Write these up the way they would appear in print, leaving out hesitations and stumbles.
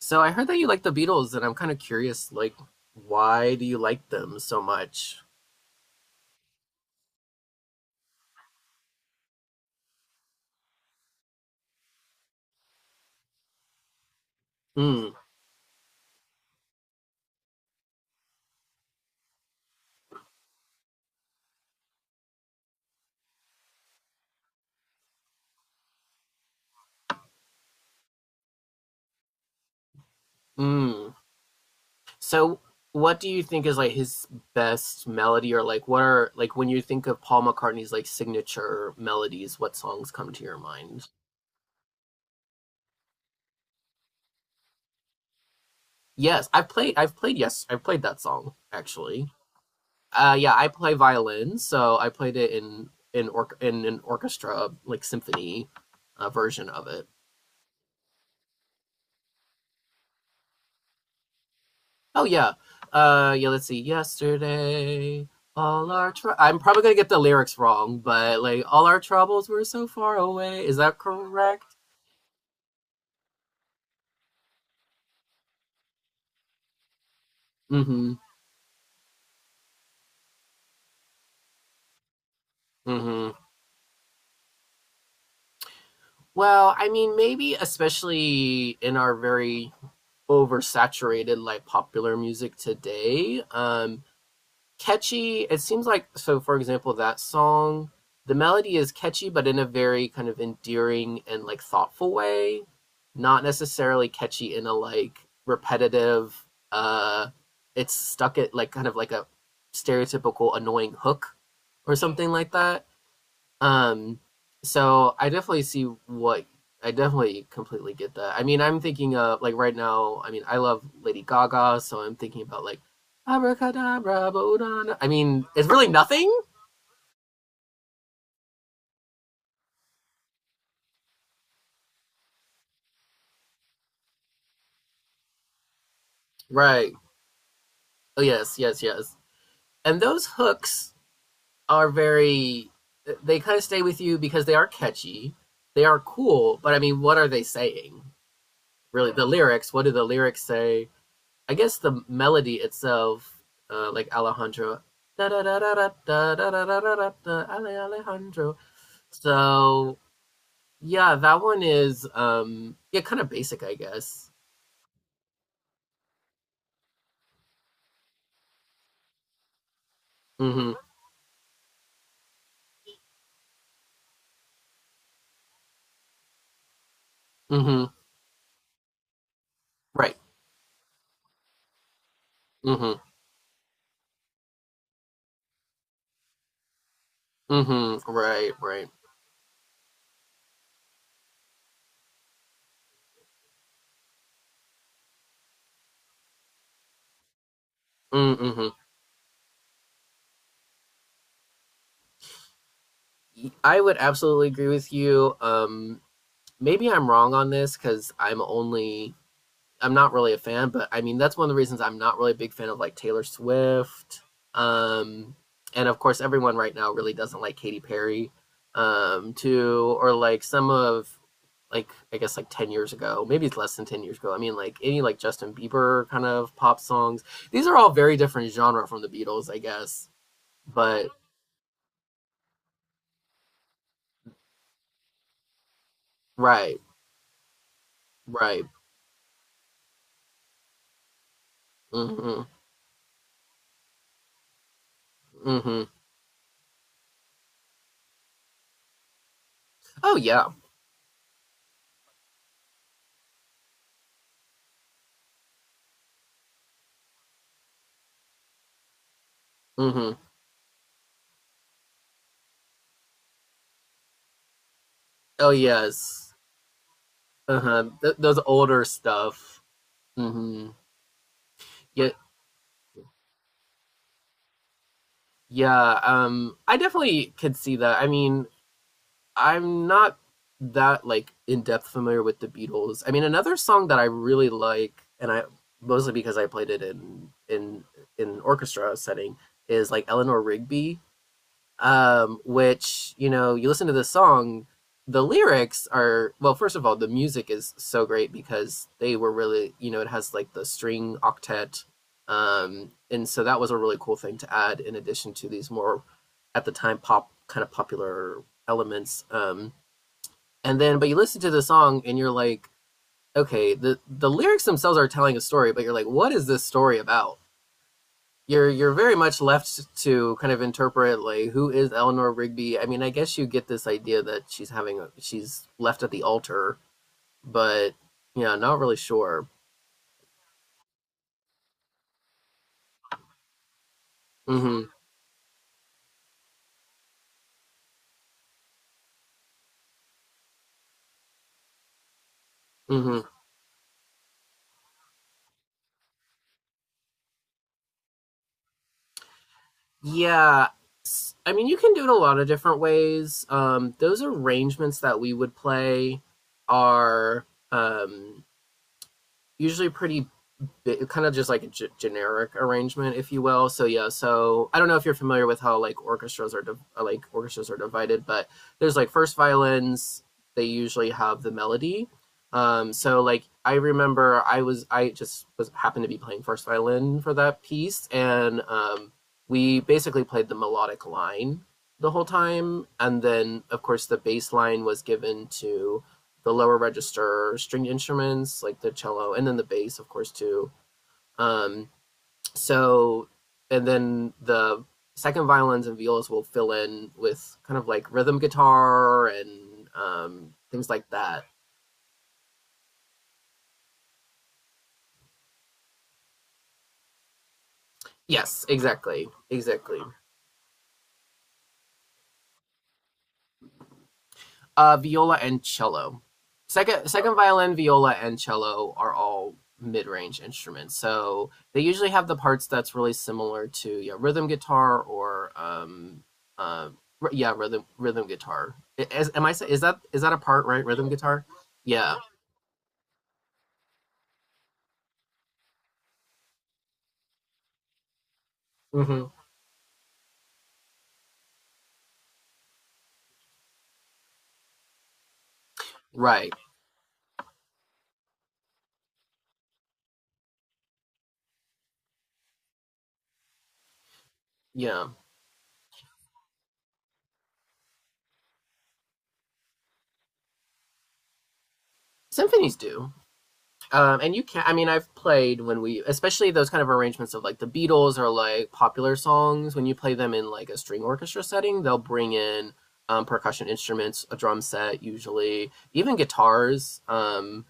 So I heard that you like the Beatles, and I'm kind of curious, like, why do you like them so much? Mm, mm. So what do you think is like his best melody, or like what are like when you think of Paul McCartney's like signature melodies, what songs come to your mind? Yes, I've played, yes, I've played that song actually. Yeah, I play violin, so I played it in an orchestra like symphony version of it. Oh yeah. Yeah, let's see. Yesterday. I'm probably going to get the lyrics wrong, but like all our troubles were so far away. Is that correct? Mhm. Mhm. Well, I mean maybe especially in our very oversaturated like popular music today, catchy. It seems like so. For example, that song, the melody is catchy, but in a very kind of endearing and like thoughtful way. Not necessarily catchy in a like repetitive. uh It's stuck at like kind of like a stereotypical annoying hook or something like that. Um, so I definitely see what I definitely completely get that. I mean, I'm thinking of like right now. I mean, I love Lady Gaga, so I'm thinking about like abracadabra, bodana. I mean, it's really nothing, right? Oh yes, yes, yes. And those hooks are very. They kind of stay with you because they are catchy, they are cool. But I mean, what are they saying? Really, the lyrics. What do the lyrics say? I guess the melody itself, like Alejandro, da da da da da da da da da da Alejandro. So yeah, that one is yeah, kind of basic, I guess. Mm-hmm. Mm-hmm. Right. Mm-hmm. Mm-hmm. Right. Right. Mm, mm-hmm. I would absolutely agree with you. Maybe I'm wrong on this because I'm not really a fan, but I mean that's one of the reasons I'm not really a big fan of like Taylor Swift. Um, and of course everyone right now really doesn't like Katy Perry, too, or like some of like I guess like 10 years ago, maybe it's less than 10 years ago. I mean like any like Justin Bieber kind of pop songs. These are all very different genre from the Beatles, I guess. But right, right. Mhm. Mhm. Oh yeah. Mhm. Oh yes. Uh-huh. Those older stuff. Mhm. Yeah, yeah, I definitely could see that. I mean, I'm not that like in depth familiar with the Beatles. I mean, another song that I really like, and I mostly because I played it in orchestra setting, is like Eleanor Rigby, which you listen to the song, the lyrics are, well, first of all, the music is so great because they were really, it has like the string octet, and so that was a really cool thing to add in addition to these more at the time pop kind of popular elements, and then but you listen to the song and you're like, okay, the lyrics themselves are telling a story, but you're like, what is this story about? You're very much left to kind of interpret like who is Eleanor Rigby. I mean, I guess you get this idea that she's left at the altar, but yeah, not really sure. Mm-hmm. Mm-hmm. Yeah. I mean, you can do it a lot of different ways. Those arrangements that we would play are, um, usually pretty bit, kind of just like a generic arrangement, if you will. So yeah, so I don't know if you're familiar with how like orchestras are divided, but there's like first violins. They usually have the melody. So like I remember I just was happened to be playing first violin for that piece, and we basically played the melodic line the whole time, and then of course the bass line was given to the lower register stringed instruments like the cello and then the bass of course um, so, and then the second violins and violas will fill in with kind of like rhythm guitar and, things like that. Yes, exactly, exactly. Viola and cello. Second violin, viola, and cello are all mid-range instruments. So they usually have the parts that's really similar to, yeah, rhythm guitar or, uh, yeah, rhythm guitar. I- Is, am I say- Is that a part, right? Rhythm guitar. Yeah. Hmm. Right. Yeah. Symphonies do. And you can, I mean, I've played when we, especially those kind of arrangements of like the Beatles or like popular songs, when you play them in like a string orchestra setting, they'll bring in, percussion instruments, a drum set, usually, even guitars.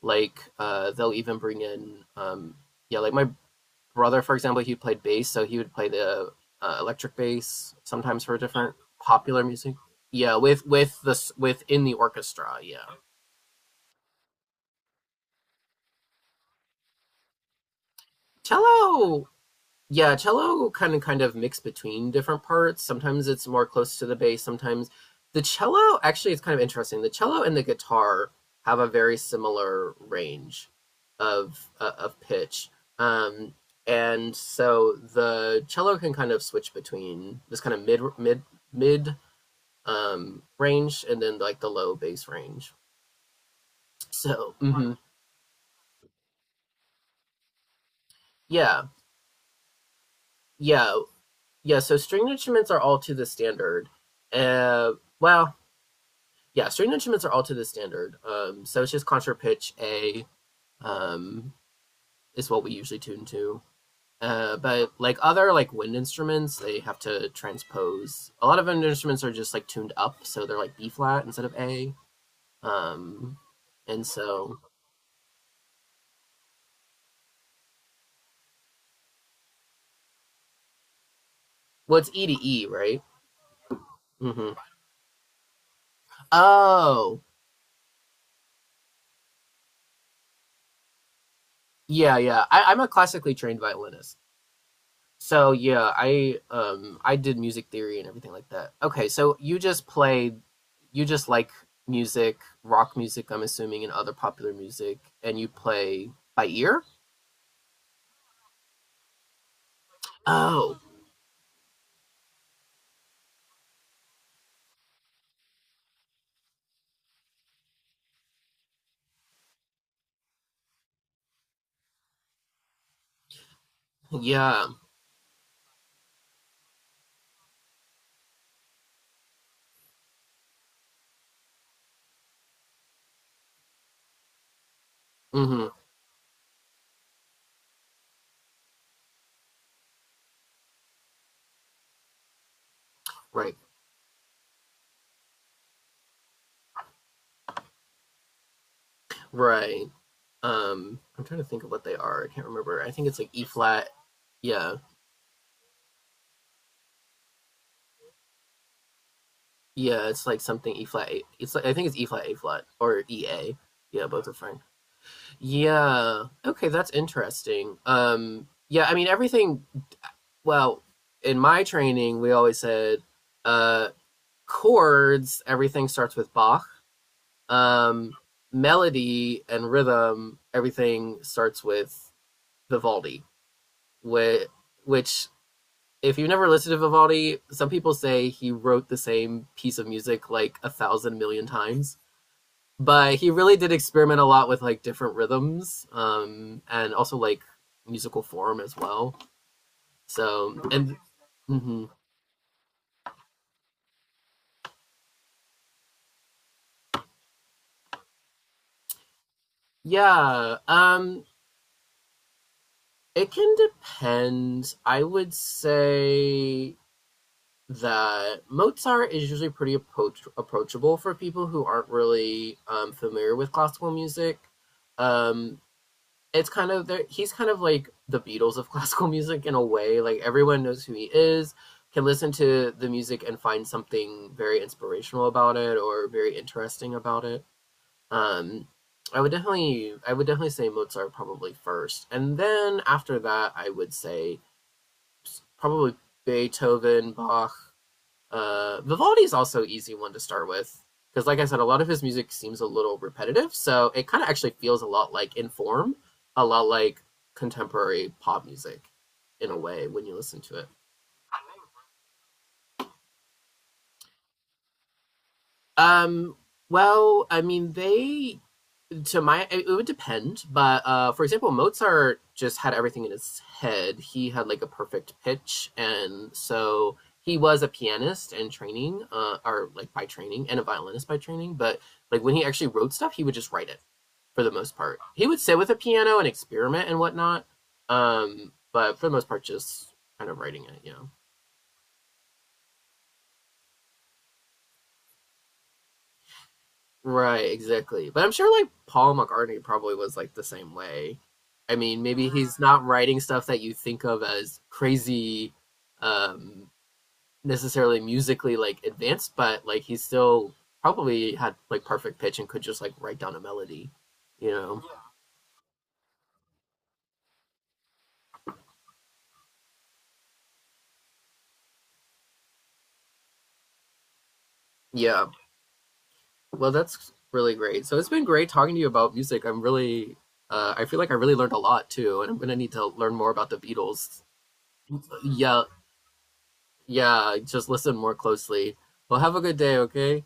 Like, they'll even bring in, yeah, like my brother, for example, he played bass, so he would play the electric bass sometimes for different popular music. Yeah, with within the orchestra. Yeah. Cello, yeah, cello kind of mixed between different parts. Sometimes it's more close to the bass. Sometimes the cello actually, it's kind of interesting. The cello and the guitar have a very similar range of pitch, um, and so the cello can kind of switch between this kind of mid range, and then like the low bass range. So, mhm. Yeah, yeah. Yeah, so stringed instruments are all to the standard. Uh, well, yeah, stringed instruments are all to the standard. So it's just contra pitch A, um, is what we usually tune to. But like other like wind instruments, they have to transpose. A lot of wind instruments are just like tuned up, so they're like B flat instead of A. Um, and so, well, it's E to E, right? Hmm. Oh, yeah, yeah. I'm a classically trained violinist. So yeah, I did music theory and everything like that. Okay, so you just like music, rock music, I'm assuming, and other popular music, and you play by ear? Oh, yeah. Mm-hmm. Right. Right. I'm trying to think of what they are. I can't remember. I think it's like E flat. Yeah. Yeah, it's like something E flat. It's like I think it's E flat A flat or E A. Yeah, both are fine. Yeah. Okay, that's interesting. Yeah, I mean everything well, in my training, we always said, uh, chords, everything starts with Bach. Um, melody and rhythm, everything starts with Vivaldi, which, which, if you've never listened to Vivaldi, some people say he wrote the same piece of music like a thousand million times. But he really did experiment a lot with like different rhythms, and also like musical form as well. So, and, mhm. Yeah, it can depend. I would say that Mozart is usually pretty approachable for people who aren't really, familiar with classical music. Um, it's kind of there. He's kind of like the Beatles of classical music in a way. Like everyone knows who he is, can listen to the music and find something very inspirational about it or very interesting about it. Um, I would definitely say Mozart probably first, and then after that, I would say probably Beethoven, Bach. Vivaldi is also an easy one to start with because, like I said, a lot of his music seems a little repetitive. So it kind of actually feels a lot like in form, a lot like contemporary pop music in a way when you listen to it. Um, well, I mean, they, to my, it would depend, but, for example, Mozart just had everything in his head. He had like a perfect pitch, and so he was a pianist and training, or like by training, and a violinist by training, but like when he actually wrote stuff, he would just write it. For the most part, he would sit with a piano and experiment and whatnot, but for the most part, just kind of writing it. Right, exactly. But I'm sure like Paul McCartney probably was like the same way. I mean, maybe he's not writing stuff that you think of as crazy, um, necessarily musically like advanced, but like he still probably had like perfect pitch and could just like write down a melody, you know? Yeah. Well, that's really great. So it's been great talking to you about music. I feel like I really learned a lot too, and I'm gonna need to learn more about the Beatles. Yeah, yeah, just listen more closely. Well, have a good day, okay?